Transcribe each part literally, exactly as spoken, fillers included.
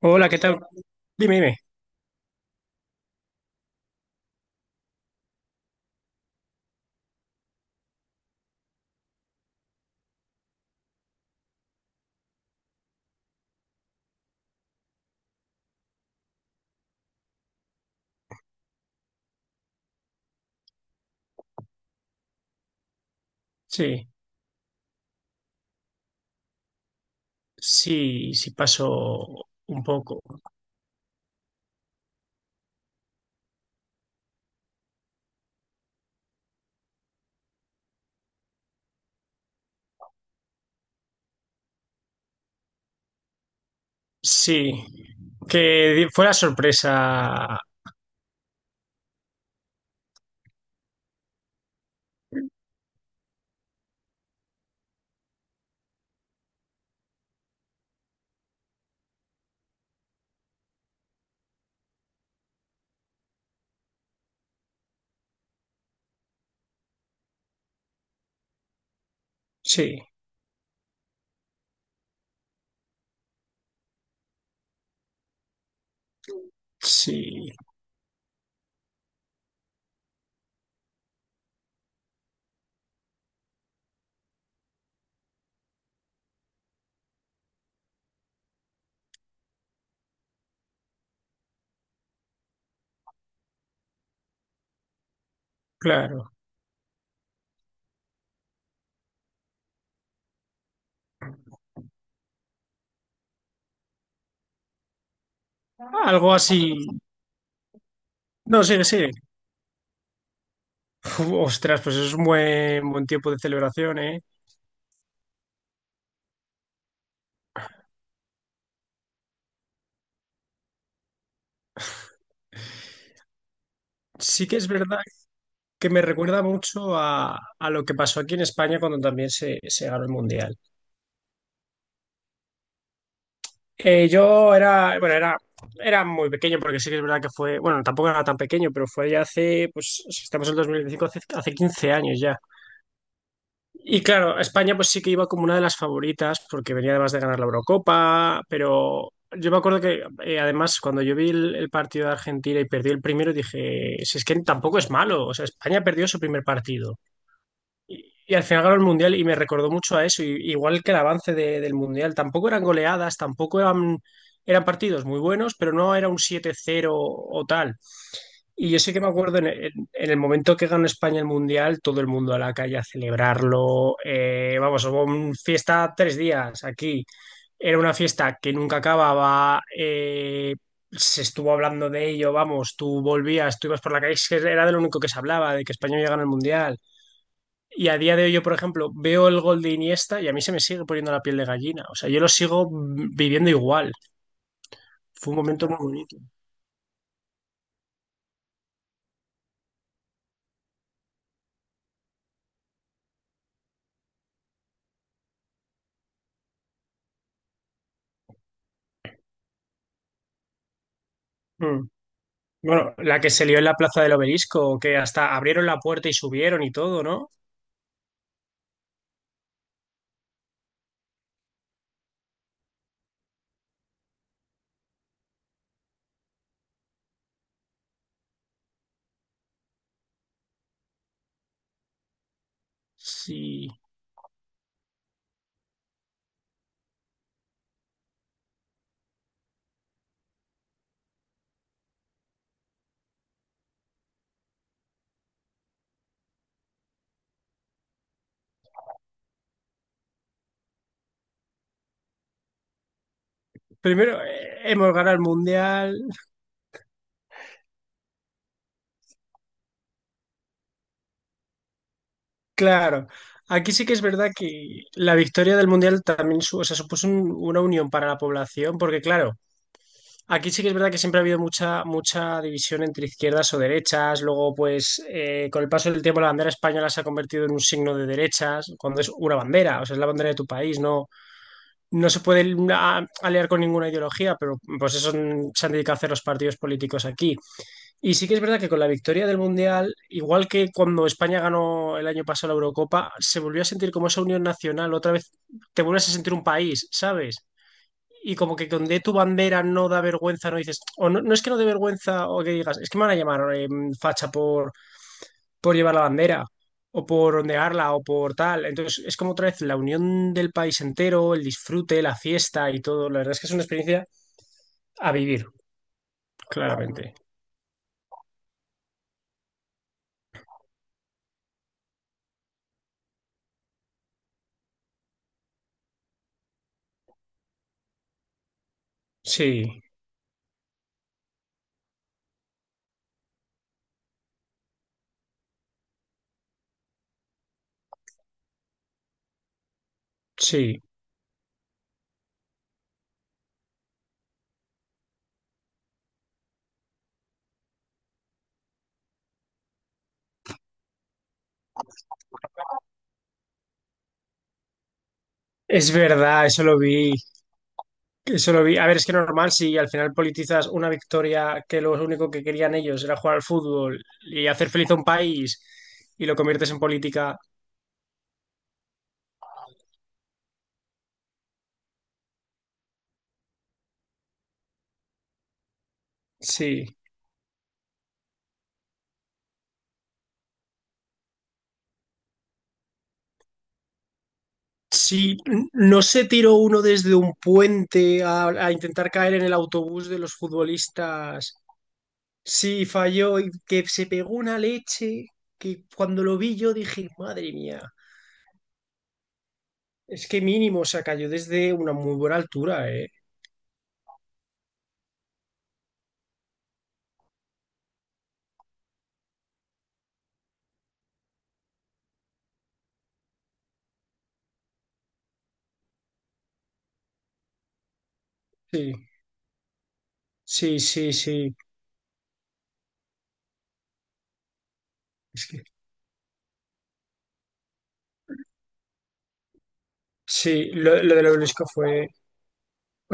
Hola, ¿qué tal? Dime, dime. Sí, sí, sí pasó un poco. Sí, que di- fue la sorpresa. Sí, sí, claro. Algo así. No, sí, sí. Uf, ostras, pues es un buen, buen tiempo de celebración, ¿eh? Sí que es verdad que me recuerda mucho a, a lo que pasó aquí en España cuando también se, se ganó el Mundial. Eh, yo era, bueno, era, era muy pequeño porque sí que es verdad que fue, bueno, tampoco era tan pequeño, pero fue ya hace, pues, si estamos en el dos mil veinticinco, hace, hace quince años ya. Y claro, España pues sí que iba como una de las favoritas porque venía además de ganar la Eurocopa, pero yo me acuerdo que eh, además cuando yo vi el, el partido de Argentina y perdió el primero, dije, si es que tampoco es malo, o sea, España perdió su primer partido. Y, y al final ganó el Mundial y me recordó mucho a eso, y- igual que el avance de- del Mundial. Tampoco eran goleadas, tampoco eran, eran partidos muy buenos, pero no era un siete cero o tal. Y yo sí que me acuerdo en, en- en el momento que ganó España el Mundial, todo el mundo a la calle a celebrarlo. Eh, vamos, hubo una fiesta tres días aquí. Era una fiesta que nunca acababa. Eh, se estuvo hablando de ello, vamos, tú volvías, tú ibas por la calle, es que era de lo único que se hablaba, de que España había ganado el Mundial. Y a día de hoy yo, por ejemplo, veo el gol de Iniesta y a mí se me sigue poniendo la piel de gallina. O sea, yo lo sigo viviendo igual. Fue un momento muy bonito. Mm. Bueno, la que se lió en la plaza del Obelisco, que hasta abrieron la puerta y subieron y todo, ¿no? Sí. Primero, eh, hemos ganado el Mundial. Claro. Aquí sí que es verdad que la victoria del Mundial también su- o sea, supuso un- una unión para la población, porque claro, aquí sí que es verdad que siempre ha habido mucha, mucha división entre izquierdas o derechas. Luego, pues, eh, con el paso del tiempo, la bandera española se ha convertido en un signo de derechas, cuando es una bandera, o sea, es la bandera de tu país. No, no se puede a- aliar con ninguna ideología, pero pues eso n- se han dedicado a hacer los partidos políticos aquí. Y sí que es verdad que con la victoria del Mundial, igual que cuando España ganó el año pasado la Eurocopa, se volvió a sentir como esa unión nacional. Otra vez te vuelves a sentir un país, ¿sabes? Y como que con de tu bandera no da vergüenza, no dices, o no, no es que no dé vergüenza o que digas, es que me van a llamar eh, facha por, por llevar la bandera o por ondearla o por tal. Entonces es como otra vez la unión del país entero, el disfrute, la fiesta y todo. La verdad es que es una experiencia a vivir, claramente. Sí, sí. Es verdad, eso lo vi. Eso lo vi. A ver, es que normal si al final politizas una victoria que lo único que querían ellos era jugar al fútbol y hacer feliz a un país y lo conviertes en política. Sí. Si no se tiró uno desde un puente a, a intentar caer en el autobús de los futbolistas, sí falló y que se pegó una leche que cuando lo vi yo dije, madre mía, es que mínimo se cayó desde una muy buena altura, ¿eh? Sí, sí, sí, sí. Es que, sí, lo, lo del obelisco fue...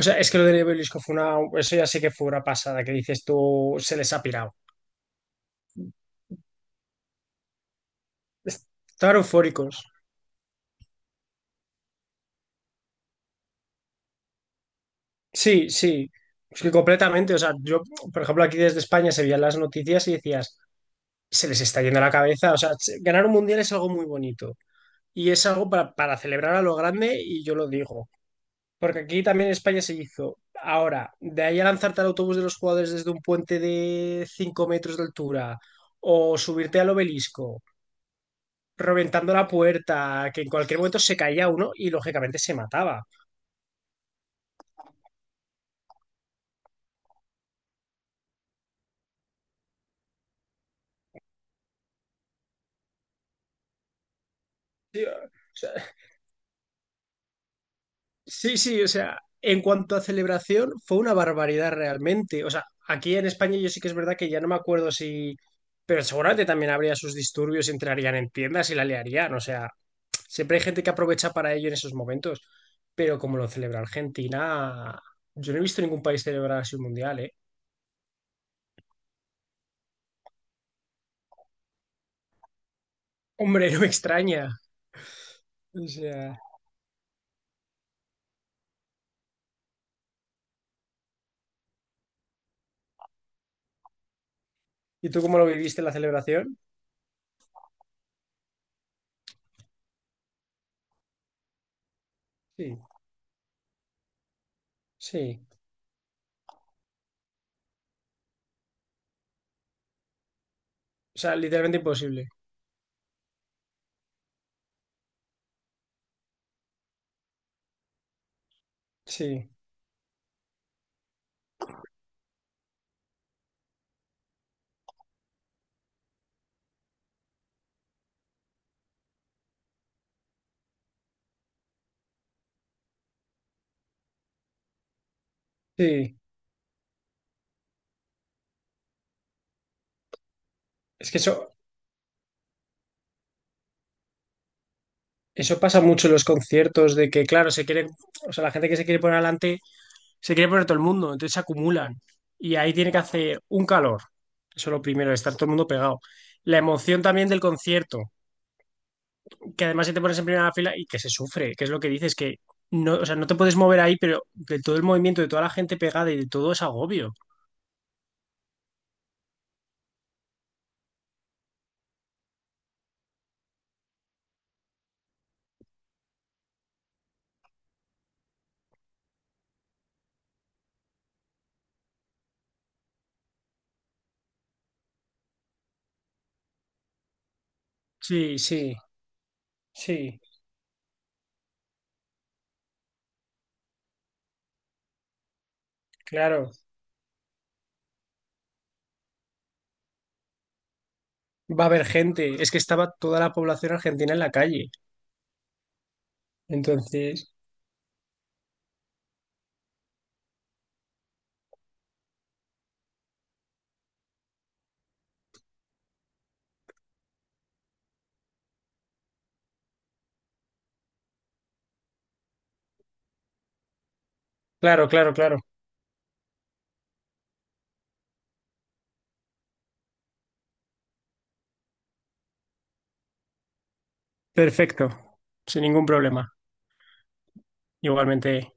O sea, es que lo del obelisco fue una... Eso ya sé que fue una pasada, que dices tú, se les ha pirado. Estaban eufóricos. Sí, sí, es que completamente. O sea, yo, por ejemplo, aquí desde España se veían las noticias y decías, se les está yendo la cabeza. O sea, se- ganar un mundial es algo muy bonito y es algo para, para celebrar a lo grande y yo lo digo. Porque aquí también en España se hizo. Ahora, de ahí a lanzarte al autobús de los jugadores desde un puente de cinco metros de altura o subirte al obelisco, reventando la puerta, que en cualquier momento se caía uno y lógicamente se mataba. Tío, sí, sí, o sea, en cuanto a celebración, fue una barbaridad realmente. O sea, aquí en España yo sí que es verdad que ya no me acuerdo si... Pero seguramente también habría sus disturbios, entrarían en tiendas y la liarían. O sea, siempre hay gente que aprovecha para ello en esos momentos. Pero como lo celebra Argentina, yo no he visto ningún país celebrar así un mundial, ¿eh? Hombre, no me extraña. O sea, ¿y tú cómo lo viviste la celebración? Sí, sí. O sea, literalmente imposible. Sí, sí. Es que eso, Eso pasa mucho en los conciertos de que, claro, se quiere, o sea, la gente que se quiere poner adelante, se quiere poner todo el mundo, entonces se acumulan. Y ahí tiene que hacer un calor. Eso es lo primero, estar todo el mundo pegado. La emoción también del concierto, que además si te pones en primera fila y que se sufre, que es lo que dices, que no, o sea, no te puedes mover ahí, pero de todo el movimiento, de toda la gente pegada y de todo es agobio. Sí, sí, sí, claro. Va a haber gente. Es que estaba toda la población argentina en la calle. Entonces, claro, claro, claro. Perfecto, sin ningún problema. Igualmente.